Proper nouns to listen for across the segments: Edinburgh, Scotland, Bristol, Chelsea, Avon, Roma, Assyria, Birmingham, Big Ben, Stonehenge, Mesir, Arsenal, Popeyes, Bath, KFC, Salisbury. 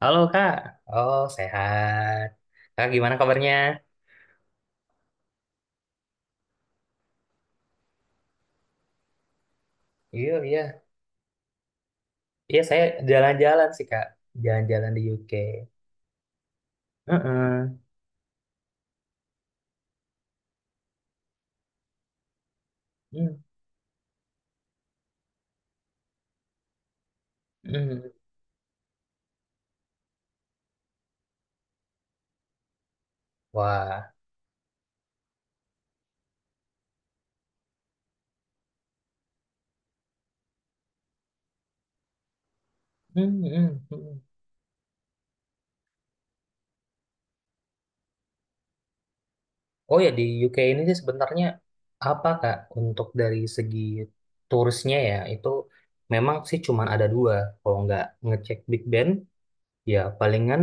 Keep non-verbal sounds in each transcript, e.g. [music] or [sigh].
Halo Kak, oh sehat. Kak gimana kabarnya? Iya, iya. Iya, saya jalan-jalan sih Kak. Jalan-jalan di UK. Heeh. Hmm, hmm. Wah. Hmm, hmm, hmm. Oh ya, di UK ini sih sebenarnya apa Kak? Untuk dari segi turisnya ya, itu memang sih cuman ada dua. Kalau nggak ngecek Big Ben, ya palingan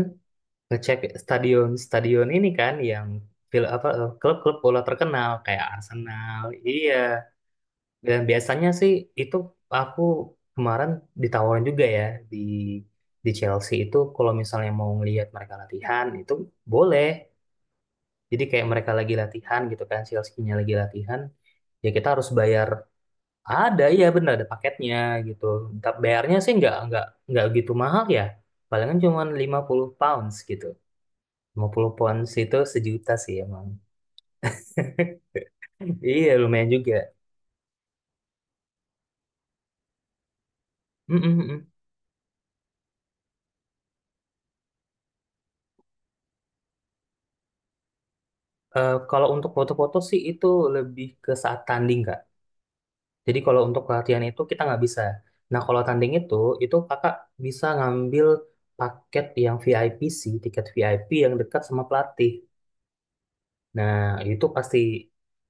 ngecek stadion-stadion ini kan yang apa klub-klub bola terkenal kayak Arsenal. Iya. Dan biasanya sih itu aku kemarin ditawarin juga ya di di Chelsea itu kalau misalnya mau ngelihat mereka latihan itu boleh. Jadi kayak mereka lagi latihan gitu kan Chelsea-nya lagi latihan, ya kita harus bayar, ada, ya bener ada paketnya gitu. Tapi bayarnya sih nggak gitu mahal ya. Palingan cuma 50 pounds gitu. 50 pounds itu sejuta sih emang. [laughs] Iya lumayan juga. Mm-mm-mm. Kalau untuk foto-foto sih itu lebih ke saat tanding kak. Jadi kalau untuk pelatihan itu kita nggak bisa. Nah kalau tanding itu kakak bisa ngambil paket yang VIP sih, tiket VIP yang dekat sama pelatih. Nah itu pasti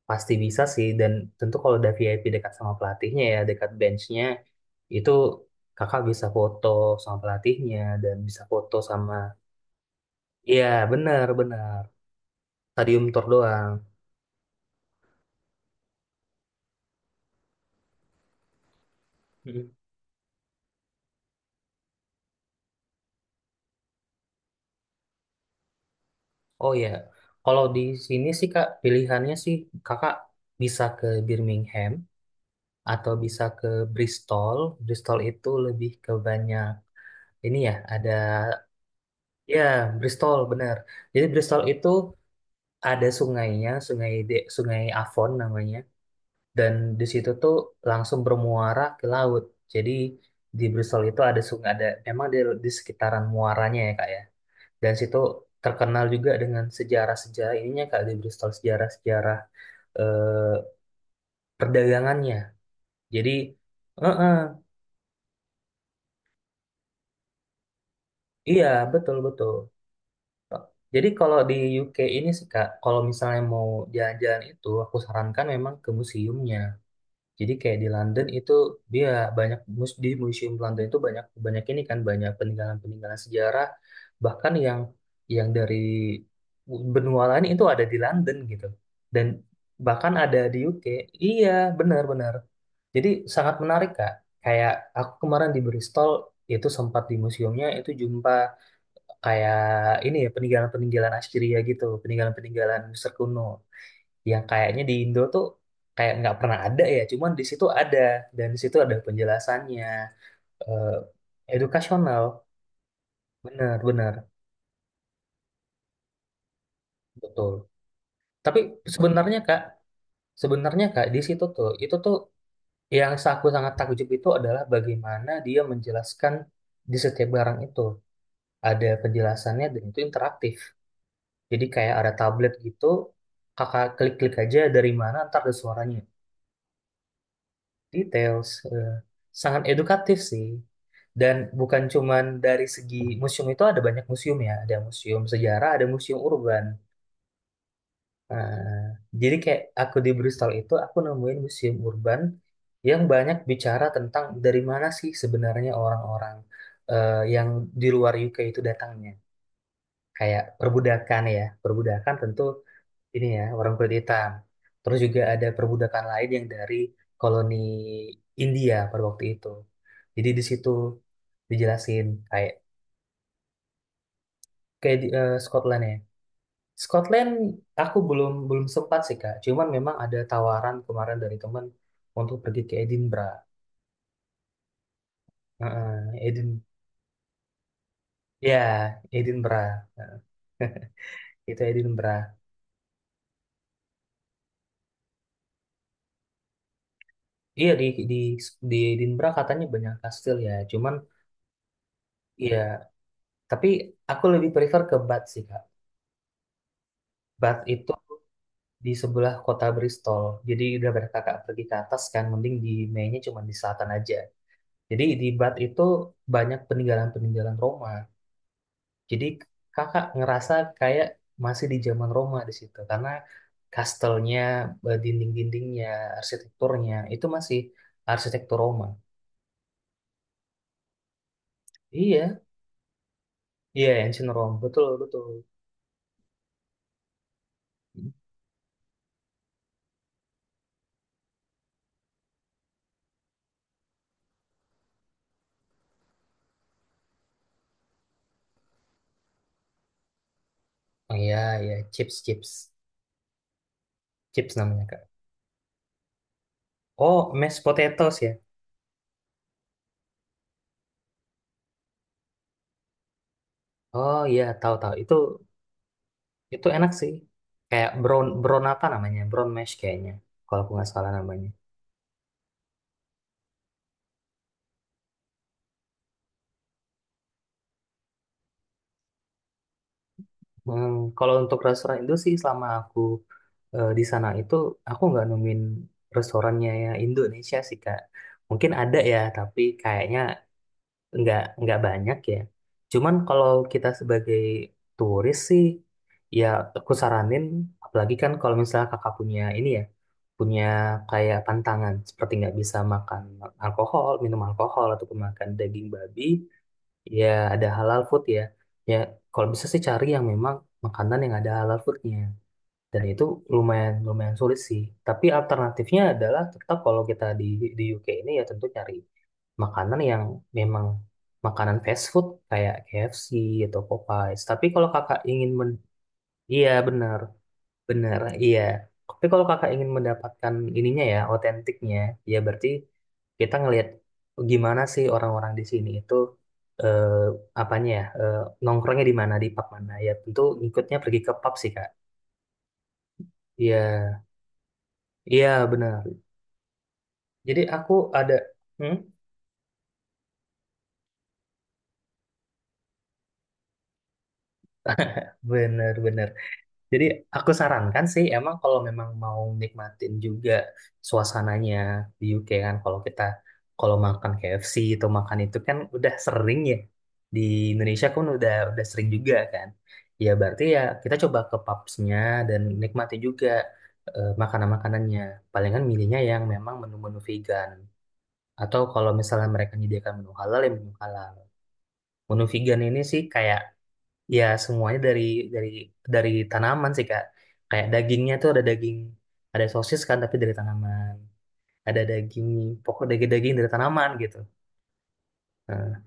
pasti bisa sih. Dan tentu kalau udah VIP dekat sama pelatihnya ya, dekat benchnya, itu kakak bisa foto sama pelatihnya dan bisa foto sama, iya bener bener stadium tour doang. Oh ya, kalau di sini sih Kak, pilihannya sih Kakak bisa ke Birmingham atau bisa ke Bristol. Bristol itu lebih ke banyak ini ya, ada ya Bristol benar. Jadi Bristol itu ada sungainya, Sungai Avon namanya, dan di situ tuh langsung bermuara ke laut. Jadi di Bristol itu ada sungai, ada memang di sekitaran muaranya ya Kak ya. Dan situ terkenal juga dengan sejarah-sejarah ininya Kak, di Bristol sejarah-sejarah eh, perdagangannya. Jadi, eh, eh, iya betul betul. Jadi kalau di UK ini sih Kak, kalau misalnya mau jalan-jalan itu, aku sarankan memang ke museumnya. Jadi kayak di London itu dia banyak di museum London itu banyak banyak ini kan banyak peninggalan-peninggalan sejarah, bahkan yang dari benua lain itu ada di London gitu. Dan bahkan ada di UK. Iya, benar-benar. Jadi sangat menarik Kak. Kayak aku kemarin di Bristol itu sempat di museumnya itu jumpa kayak ini ya peninggalan-peninggalan Assyria gitu, peninggalan-peninggalan Mesir kuno yang kayaknya di Indo tuh kayak nggak pernah ada ya, cuman di situ ada dan di situ ada penjelasannya, eh, edukasional, benar-benar betul. Tapi sebenarnya Kak, sebenarnya Kak, di situ tuh itu tuh yang aku sangat takjub itu adalah bagaimana dia menjelaskan di setiap barang itu. Ada penjelasannya dan itu interaktif. Jadi kayak ada tablet gitu, kakak klik-klik aja dari mana ntar ada suaranya. Details, sangat edukatif sih. Dan bukan cuman dari segi museum, itu ada banyak museum ya, ada museum sejarah, ada museum urban. Nah, jadi kayak aku di Bristol itu aku nemuin museum urban yang banyak bicara tentang dari mana sih sebenarnya orang-orang, yang di luar UK itu datangnya. Kayak perbudakan ya, perbudakan tentu ini ya orang kulit hitam. Terus juga ada perbudakan lain yang dari koloni India pada waktu itu. Jadi di situ dijelasin kayak kayak di Scotland ya. Scotland aku belum belum sempat sih Kak. Cuman memang ada tawaran kemarin dari temen untuk pergi ke Edinburgh. Heeh, Edin ya Edinburgh itu Edinburgh. Iya di di Edinburgh katanya banyak kastil ya. Cuman ya tapi aku lebih prefer ke Bath sih Kak. Bath itu di sebelah kota Bristol. Jadi daripada kakak pergi ke atas kan, mending di mainnya cuma di selatan aja. Jadi di Bath itu banyak peninggalan-peninggalan Roma. Jadi kakak ngerasa kayak masih di zaman Roma di situ karena kastelnya, dinding-dindingnya, arsitekturnya itu masih arsitektur Roma. Iya, iya ancient Rome, betul betul. Oh iya iya chips chips chips namanya kak. Oh mashed potatoes ya. Oh iya tahu tahu itu enak sih. Kayak brown brown apa namanya? Brown mash kayaknya. Kalau aku nggak salah namanya. Hmm, kalau untuk restoran Indo sih, selama aku di sana itu aku nggak nemuin restorannya ya Indonesia sih Kak. Mungkin ada ya, tapi kayaknya nggak banyak ya. Cuman kalau kita sebagai turis sih, ya aku saranin, apalagi kan kalau misalnya kakak punya ini ya, punya kayak pantangan, seperti nggak bisa makan alkohol, minum alkohol, atau makan daging babi, ya ada halal food ya. Ya kalau bisa sih cari yang memang makanan yang ada halal foodnya. Dan itu lumayan lumayan sulit sih. Tapi alternatifnya adalah tetap kalau kita di UK ini ya tentu cari makanan yang memang makanan fast food kayak KFC atau Popeyes. Tapi kalau kakak ingin. Iya, benar, benar, iya. Tapi kalau kakak ingin mendapatkan ininya ya, otentiknya, ya berarti kita ngelihat gimana sih orang-orang di sini itu, eh, apanya ya, nongkrongnya di mana, di pub mana. Ya tentu ngikutnya pergi ke pub sih, Kak. Iya, iya benar. Jadi aku ada. Hmm? [laughs] Bener-bener. Jadi aku sarankan sih emang kalau memang mau nikmatin juga suasananya di UK, kan kalau kita kalau makan KFC atau makan itu kan udah sering ya, di Indonesia kan udah sering juga kan, ya berarti ya kita coba ke pubsnya dan nikmati juga makanan-makanannya, palingan milihnya yang memang menu-menu vegan atau kalau misalnya mereka menyediakan menu halal ya menu halal, menu vegan ini sih kayak, ya, semuanya dari dari tanaman sih, Kak. Kayak dagingnya tuh ada daging, ada sosis kan tapi dari tanaman. Ada daging, pokok daging-daging dari tanaman gitu. Nah,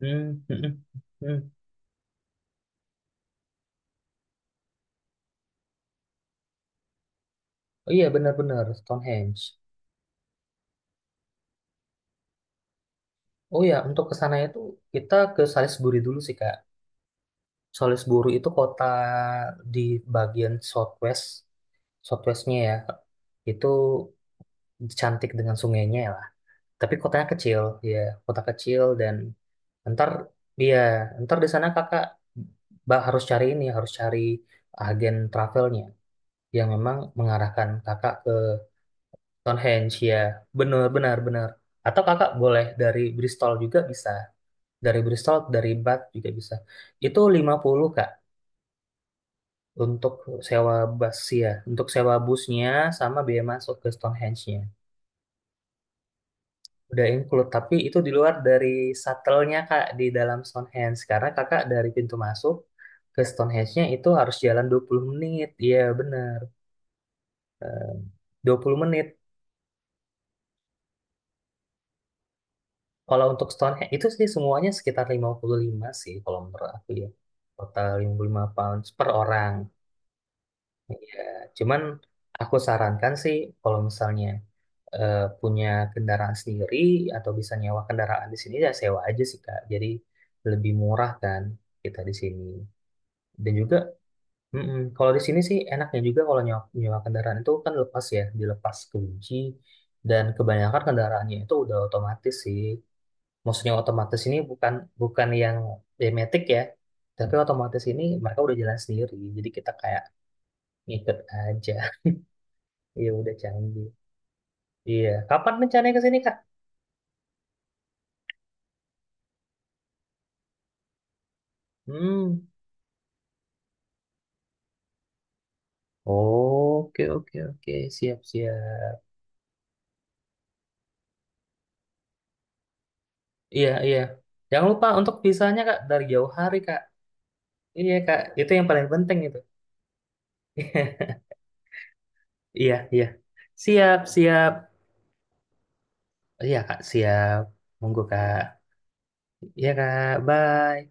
hmm, hmm, hmm, hmm. Oh iya benar-benar Stonehenge. Oh iya, untuk ke sana itu kita ke Salisbury dulu sih, Kak. Salisbury itu kota di bagian southwest, southwestnya ya. Itu cantik dengan sungainya ya lah. Tapi kotanya kecil, ya, kota kecil. Ntar dia, ntar di sana kakak harus cari ini, harus cari agen travelnya yang memang mengarahkan kakak ke Stonehenge ya. Benar, benar, benar. Atau kakak boleh dari Bristol juga bisa. Dari Bristol, dari Bath juga bisa. Itu 50 kak, untuk sewa bus ya, untuk sewa busnya sama biaya masuk ke Stonehenge-nya. Udah include, tapi itu di luar dari shuttle-nya Kak, di dalam Stonehenge. Karena Kakak dari pintu masuk ke Stonehenge-nya itu harus jalan 20 menit. Iya, bener. 20 menit. Kalau untuk Stonehenge, itu sih semuanya sekitar 55 sih, kalau menurut aku ya. Total 55 pounds per orang. Iya, cuman aku sarankan sih kalau misalnya punya kendaraan sendiri atau bisa nyewa kendaraan di sini ya sewa aja sih Kak. Jadi lebih murah kan kita di sini. Dan juga, mm-mm, kalau di sini sih enaknya juga kalau nyewa kendaraan itu kan lepas ya, dilepas kunci. Dan kebanyakan kendaraannya itu udah otomatis sih. Maksudnya otomatis ini bukan bukan yang demetik ya, tapi otomatis ini mereka udah jalan sendiri. Jadi kita kayak ngikut aja. [laughs] Ya udah canggih. Iya, kapan rencananya ke sini, Kak? Hmm. Oke, oke, oke. Siap, siap. Iya, iya. Jangan lupa untuk visanya, Kak, dari jauh hari, Kak. Iya, Kak. Itu yang paling penting itu. [laughs] Iya, iya. Siap, siap. Iya, Kak, siap. Monggo, Kak. Iya, Kak. Bye.